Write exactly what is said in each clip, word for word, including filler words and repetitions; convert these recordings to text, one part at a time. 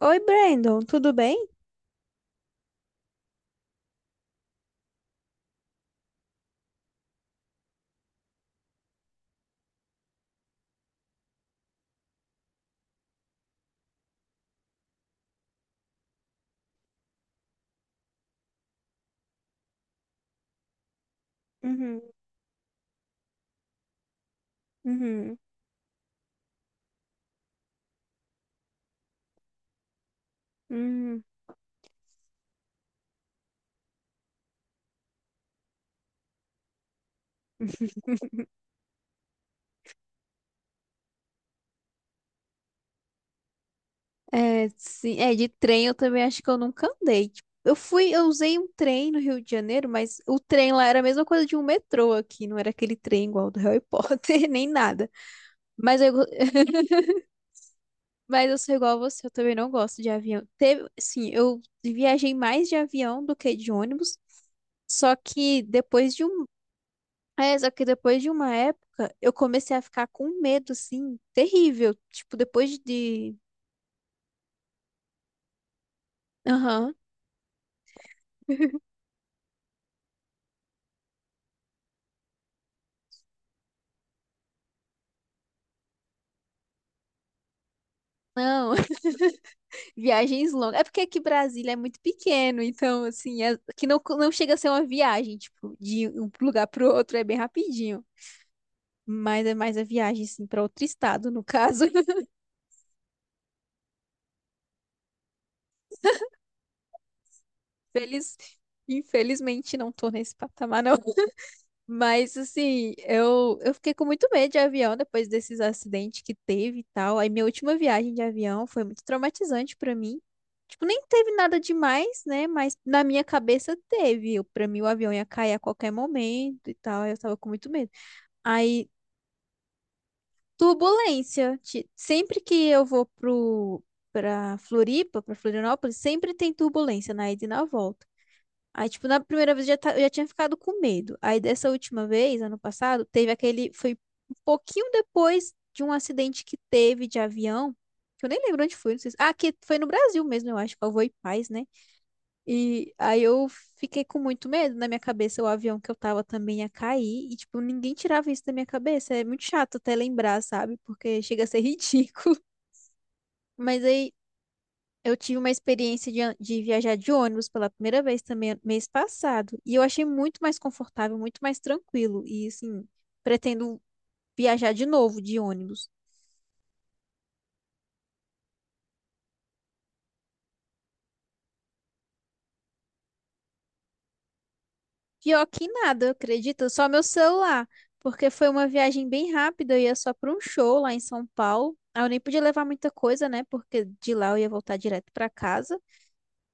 Oi, Brandon, tudo bem? Uhum, uhum, uhum. É, sim, é, de trem eu também acho que eu nunca andei. Tipo, eu fui, eu usei um trem no Rio de Janeiro, mas o trem lá era a mesma coisa de um metrô aqui, não era aquele trem igual do Harry Potter, nem nada. Mas eu, mas eu sou igual a você, eu também não gosto de avião. Teve, sim, eu viajei mais de avião do que de ônibus, só que depois de um. É, só que depois de uma época, eu comecei a ficar com medo, assim, terrível. Tipo, depois de. Aham. Não, viagens longas. É porque aqui Brasília é muito pequeno, então, assim, é- que não, não chega a ser uma viagem, tipo, de um lugar pro outro é bem rapidinho. Mas é mais a viagem, assim, pra outro estado, no caso. Infeliz... Infelizmente, não tô nesse patamar, não. Mas assim, eu, eu fiquei com muito medo de avião depois desses acidentes que teve e tal. Aí minha última viagem de avião foi muito traumatizante pra mim. Tipo, nem teve nada demais, né? Mas na minha cabeça teve. Eu- Pra mim o avião ia cair a qualquer momento e tal. Aí eu tava com muito medo. Aí, turbulência. Ti- Sempre que eu vou pro pra Floripa, pra Florianópolis, sempre tem turbulência na ida e na volta. Aí, tipo, na primeira vez eu já, ta- eu já tinha ficado com medo. Aí, dessa última vez, ano passado, teve aquele. Foi um pouquinho depois de um acidente que teve de avião, que eu nem lembro onde foi, não sei se... Ah, que foi no Brasil mesmo, eu acho, que foi e Paz, né? E aí eu fiquei com muito medo. Na minha cabeça, o avião que eu tava também ia cair. E, tipo, ninguém tirava isso da minha cabeça. É muito chato até lembrar, sabe? Porque chega a ser ridículo. Mas aí eu tive uma experiência de, an- de viajar de ônibus pela primeira vez também mês passado, e eu achei muito mais confortável, muito mais tranquilo, e assim, pretendo viajar de novo de ônibus. Pior que nada, acredita? Só meu celular, porque foi uma viagem bem rápida, eu ia só para um show lá em São Paulo. Aí eu nem podia levar muita coisa, né? Porque de lá eu ia voltar direto para casa.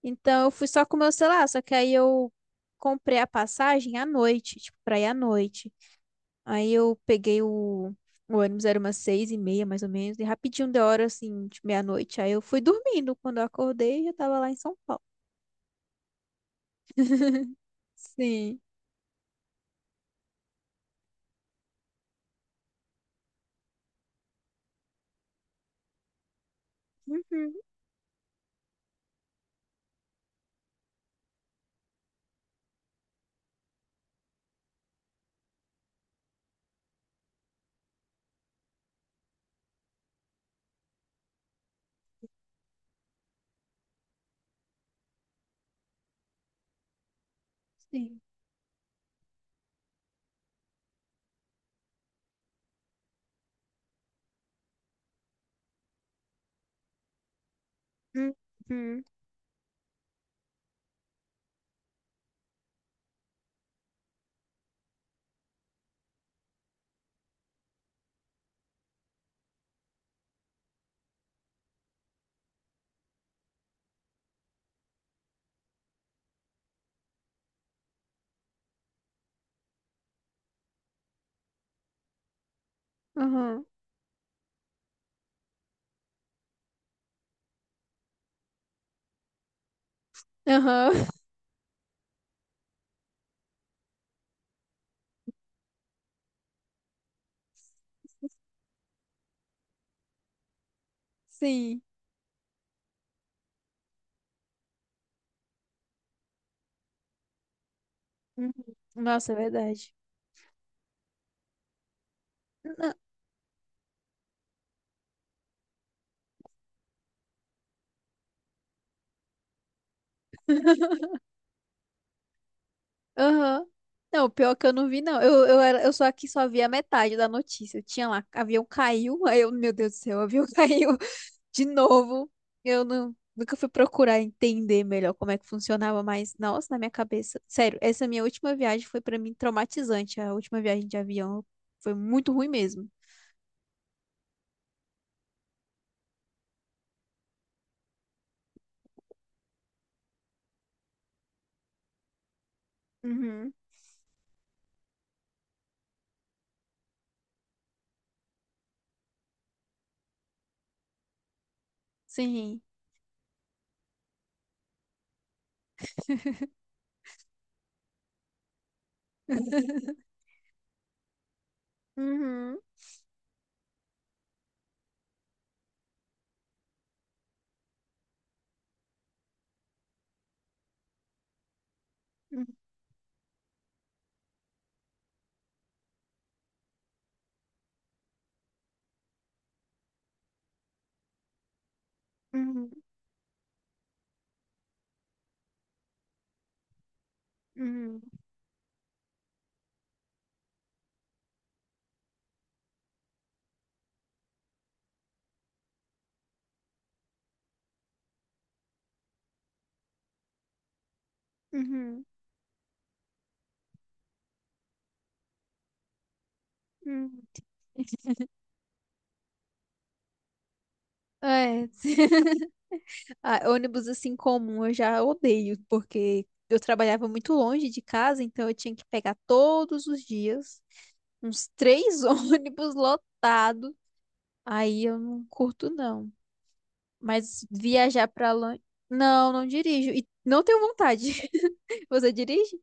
Então eu fui só com meu celular, só que aí eu comprei a passagem à noite, tipo, para ir à noite. Aí eu peguei o, o ônibus, era umas seis e meia, mais ou menos, e rapidinho deu hora, assim, de meia-noite. Aí eu fui dormindo. Quando eu acordei, já tava lá em São Paulo. Sim. Uhum. Sim. Uhum. Aham. Aham. Sim. Uhum. Nossa, é verdade. Não. Aham. Não, pior é que eu não vi, não. Eu, eu, era, eu só aqui só vi a metade da notícia. Eu tinha lá, avião caiu. Aí eu, meu Deus do céu, avião caiu de novo. Eu não, nunca fui procurar entender melhor como é que funcionava, mas nossa, na minha cabeça. Sério, essa minha última viagem foi pra mim traumatizante. A última viagem de avião foi muito ruim mesmo. Uhum. Sim. Uhum. Uhum. Uhum. Uhum. Uhum. É, ah, ônibus assim comum eu já odeio, porque eu trabalhava muito longe de casa, então eu tinha que pegar todos os dias uns três ônibus lotados. Aí eu não curto, não. Mas viajar pra longe. Não, não dirijo. E não tenho vontade. Você dirige?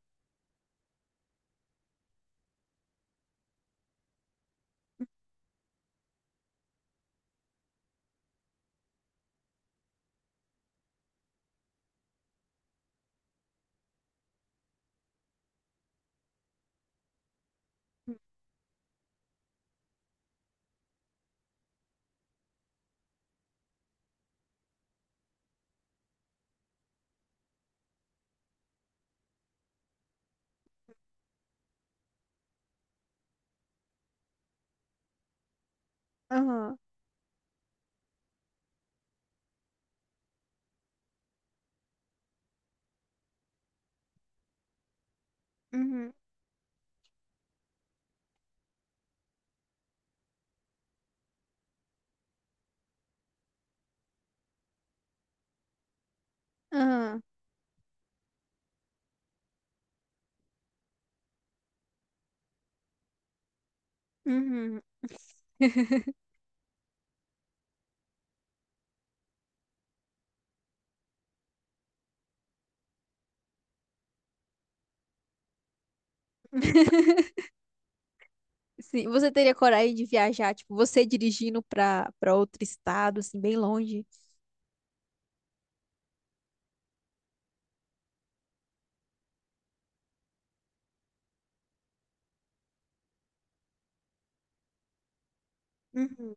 Aham. Uhum. Aham. Uhum. Sim. Você teria coragem de viajar, tipo, você dirigindo pra, pra outro estado, assim, bem longe? Uhum.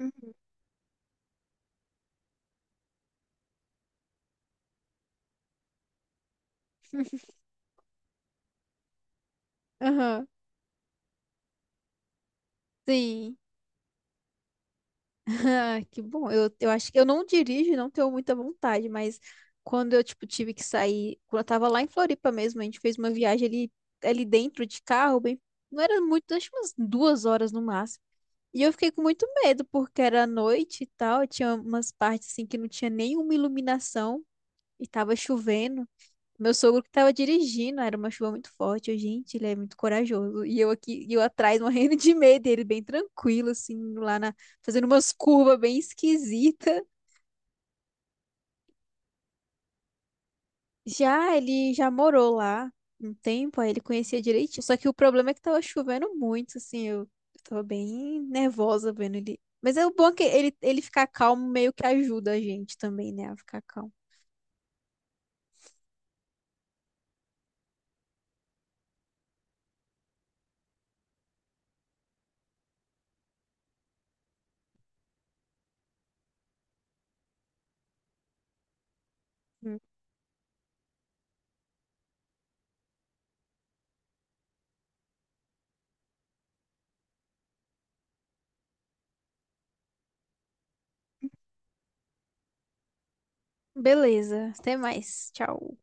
Uhum. Aham. Sim. Ah, que bom. Eu, eu acho que eu não dirijo, e não tenho muita vontade, mas quando eu, tipo, tive que sair, quando eu tava lá em Floripa mesmo, a gente fez uma viagem ali, ali dentro de carro, bem, não era muito, acho que umas duas horas no máximo. E eu fiquei com muito medo, porque era noite e tal, tinha umas partes assim que não tinha nenhuma iluminação e tava chovendo. Meu sogro que tava dirigindo, era uma chuva muito forte. Eu, gente, ele é muito corajoso. E eu aqui, e eu atrás morrendo de medo, e ele bem tranquilo, assim, lá na, fazendo umas curvas bem esquisita. Já Ele já morou lá um tempo, aí ele conhecia direitinho. Só que o problema é que tava chovendo muito, assim, eu, eu tava bem nervosa vendo ele. Mas é o bom é que ele, ele ficar calmo meio que ajuda a gente também, né, a ficar calmo. Hum. Beleza, até mais. Tchau.